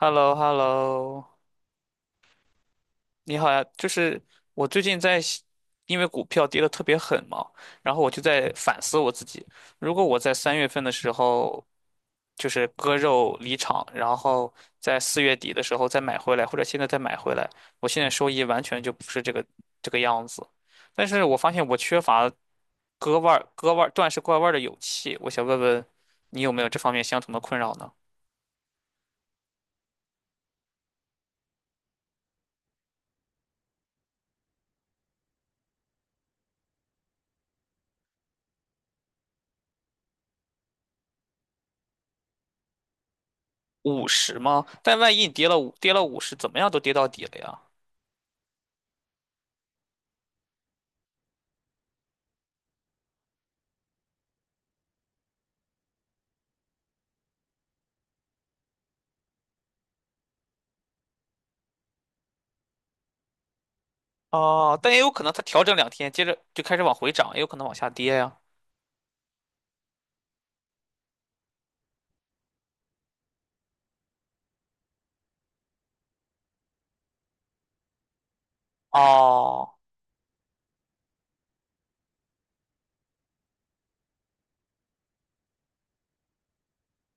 h e l l o h e l l o 你好呀。就是我最近在想因为股票跌得特别狠嘛，然后我就在反思我自己，如果我在三月份的时候就是割肉离场，然后在四月底的时候再买回来，或者现在再买回来，我现在收益完全就不是这个样子。但是我发现我缺乏割腕儿的勇气，我想问问你有没有这方面相同的困扰呢？五十吗？但万一你跌了五十，怎么样都跌到底了呀？哦，但也有可能它调整两天，接着就开始往回涨，也有可能往下跌呀。哦，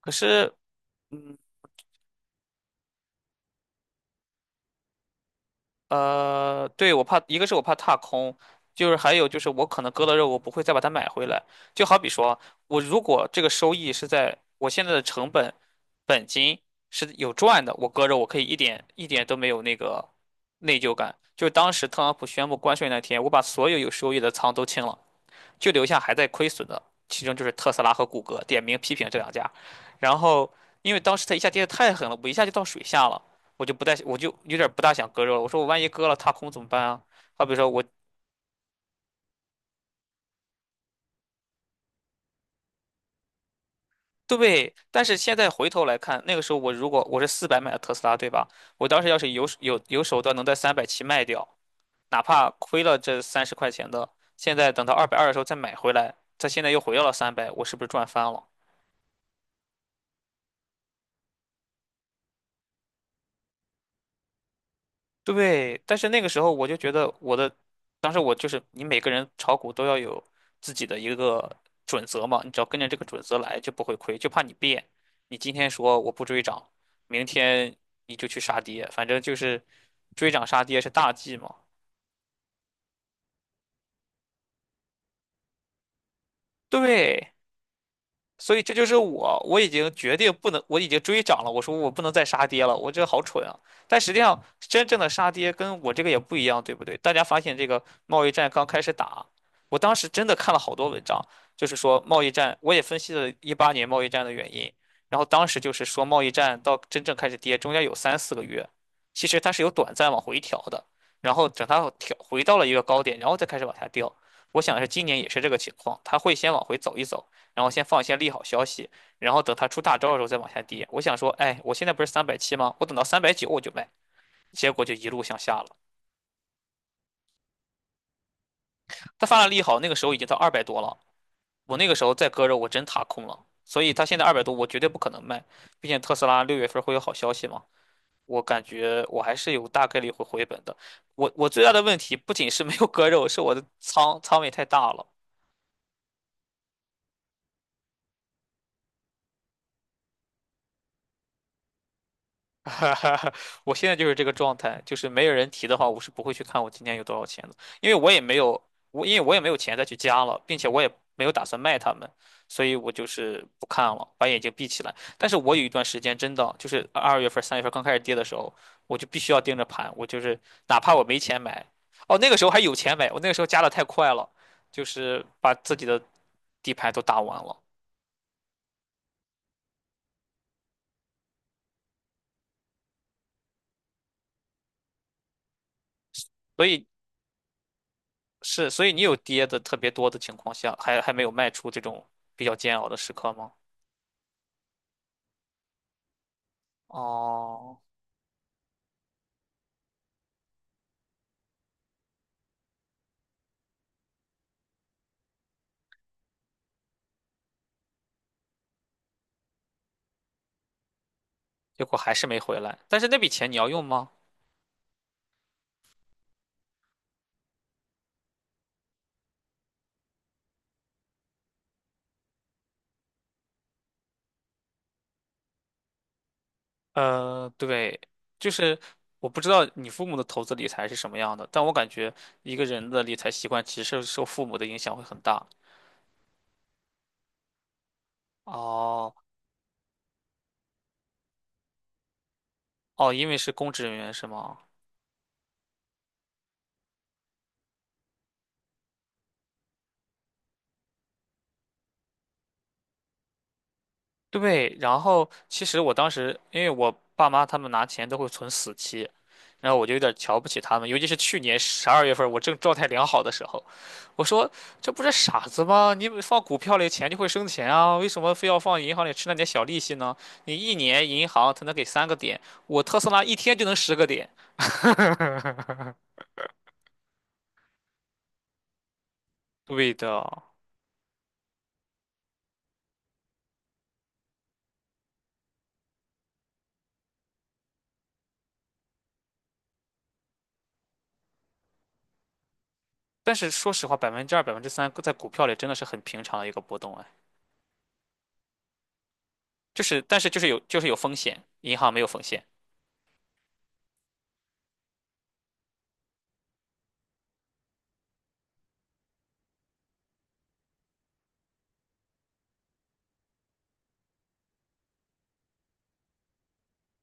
可是，嗯，对，我怕，一个是我怕踏空，就是还有就是我可能割了肉，我不会再把它买回来。就好比说，我如果这个收益是在我现在的成本本金是有赚的，我割肉我可以一点一点都没有那个内疚感。就是当时特朗普宣布关税那天，我把所有有收益的仓都清了。就留下还在亏损的，其中就是特斯拉和谷歌，点名批评这两家。然后因为当时它一下跌得太狠了，我一下就到水下了，我就不太，我就有点不大想割肉了。我说我万一割了踏空怎么办啊？好比说我对，但是现在回头来看，那个时候如果我是400买的特斯拉，对吧？我当时要是有手段能在三百七卖掉，哪怕亏了这30块钱的，现在等到220的时候再买回来，它现在又回到了三百，我是不是赚翻了？对，但是那个时候我就觉得我的，当时我就是你每个人炒股都要有自己的一个准则嘛，你只要跟着这个准则来就不会亏，就怕你变。你今天说我不追涨，明天你就去杀跌，反正就是追涨杀跌是大忌嘛。对，所以这就是我，我已经决定不能，我已经追涨了。我说我不能再杀跌了，我这好蠢啊！但实际上，真正的杀跌跟我这个也不一样，对不对？大家发现这个贸易战刚开始打，我当时真的看了好多文章，就是说贸易战，我也分析了18年贸易战的原因。然后当时就是说贸易战到真正开始跌，中间有3、4个月，其实它是有短暂往回调的，然后等它调回到了一个高点，然后再开始往下掉。我想是今年也是这个情况，它会先往回走一走。然后先放一些利好消息，然后等它出大招的时候再往下跌。我想说，哎，我现在不是三百七吗？我等到390我就卖，结果就一路向下了。它发了利好，那个时候已经到二百多了，我那个时候再割肉，我真踏空了。所以他现在二百多，我绝对不可能卖，毕竟特斯拉六月份会有好消息嘛。我感觉我还是有大概率会回本的。我最大的问题不仅是没有割肉，是我的仓位太大了。哈哈哈，我现在就是这个状态，就是没有人提的话，我是不会去看我今天有多少钱的，因为我也没有，因为我也没有钱再去加了，并且我也没有打算卖他们，所以我就是不看了，把眼睛闭起来。但是我有一段时间真的就是二月份、三月份刚开始跌的时候，我就必须要盯着盘，我就是哪怕我没钱买，哦，那个时候还有钱买，我那个时候加的太快了，就是把自己的底牌都打完了，所以是，所以你有跌的特别多的情况下，还没有卖出这种比较煎熬的时刻吗？哦，结果还是没回来。但是那笔钱你要用吗？对，就是我不知道你父母的投资理财是什么样的，但我感觉一个人的理财习惯其实受父母的影响会很大。哦哦，因为是公职人员是吗？对，然后其实我当时，因为我爸妈他们拿钱都会存死期，然后我就有点瞧不起他们，尤其是去年十二月份我正状态良好的时候，我说这不是傻子吗？你放股票里钱就会生钱啊，为什么非要放银行里吃那点小利息呢？你一年银行才能给3个点，我特斯拉一天就能10个点。对的，但是说实话，2%、百分之三在股票里真的是很平常的一个波动啊，就是但是就是有就是有风险，银行没有风险。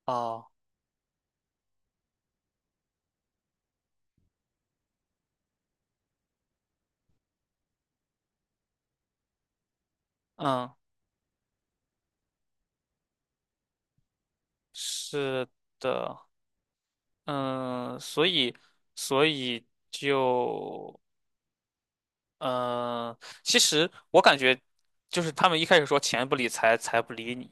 哦，嗯，是的，嗯，所以，所以就，嗯，其实我感觉，就是他们一开始说钱不理财，财不理你，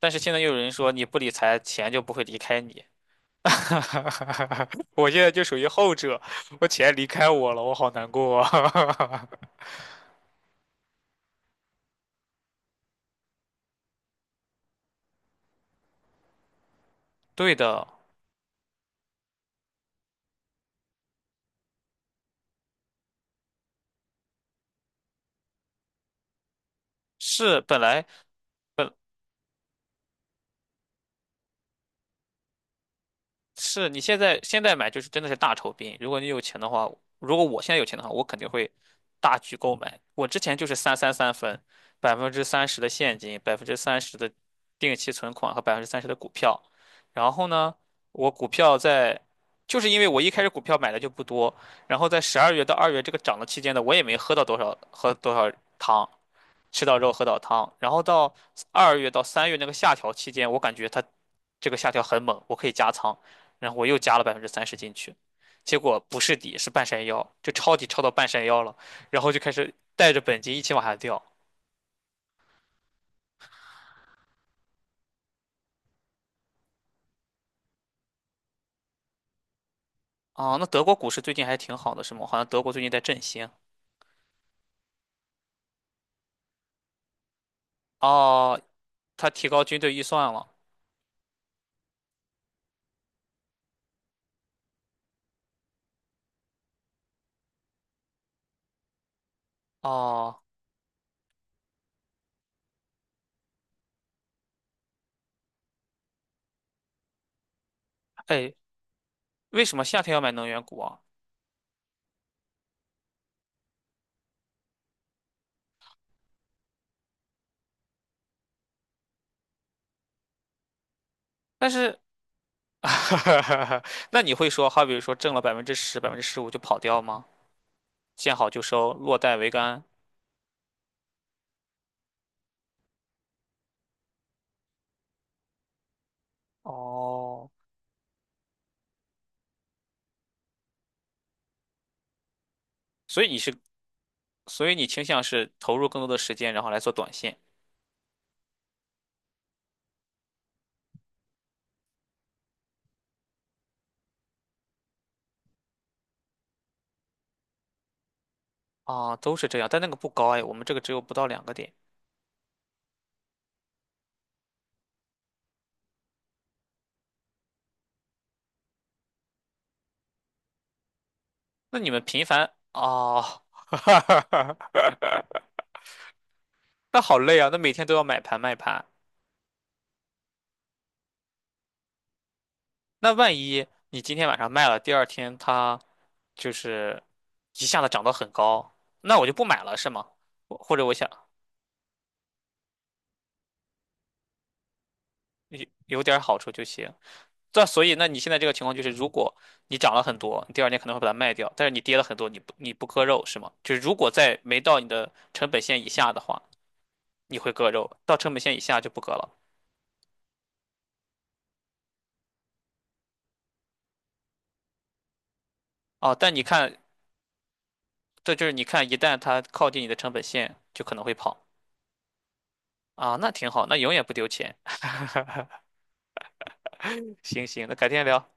但是现在又有人说你不理财，钱就不会离开你。我现在就属于后者，我钱离开我了，我好难过啊。对的，是本来。本。是你现在买就是真的是大酬宾。如果你有钱的话，如果我现在有钱的话，我肯定会大举购买。我之前就是三分，百分之三十的现金，百分之三十的定期存款和百分之三十的股票。然后呢，我股票在，就是因为我一开始股票买的就不多，然后在十二月到二月这个涨的期间呢，我也没喝到多少喝多少汤，吃到肉喝到汤。然后到二月到三月那个下调期间，我感觉它这个下调很猛，我可以加仓，然后我又加了百分之三十进去，结果不是底是半山腰，就抄底抄到半山腰了，然后就开始带着本金一起往下掉。啊。那德国股市最近还挺好的，是吗？好像德国最近在振兴。哦，他提高军队预算了。哦，哎，为什么夏天要买能源股啊？但是，那你会说，好比说挣了百分之十、15%就跑掉吗？见好就收，落袋为安。哦，所以你是所以你倾向是投入更多的时间，然后来做短线啊，都是这样，但那个不高哎，我们这个只有不到2个点。那你们频繁哦，那好累啊，那每天都要买盘卖盘，那万一你今天晚上卖了，第二天它就是一下子涨得很高，那我就不买了是吗？我或者我想有点好处就行。这所以，那你现在这个情况就是，如果你涨了很多，你第二天可能会把它卖掉，但是你跌了很多，你不割肉是吗？就是如果在没到你的成本线以下的话，你会割肉；到成本线以下就不割了。啊。但你看，这就是你看，一旦它靠近你的成本线，就可能会跑啊，那挺好，那永远不丢钱。行行，那改天聊。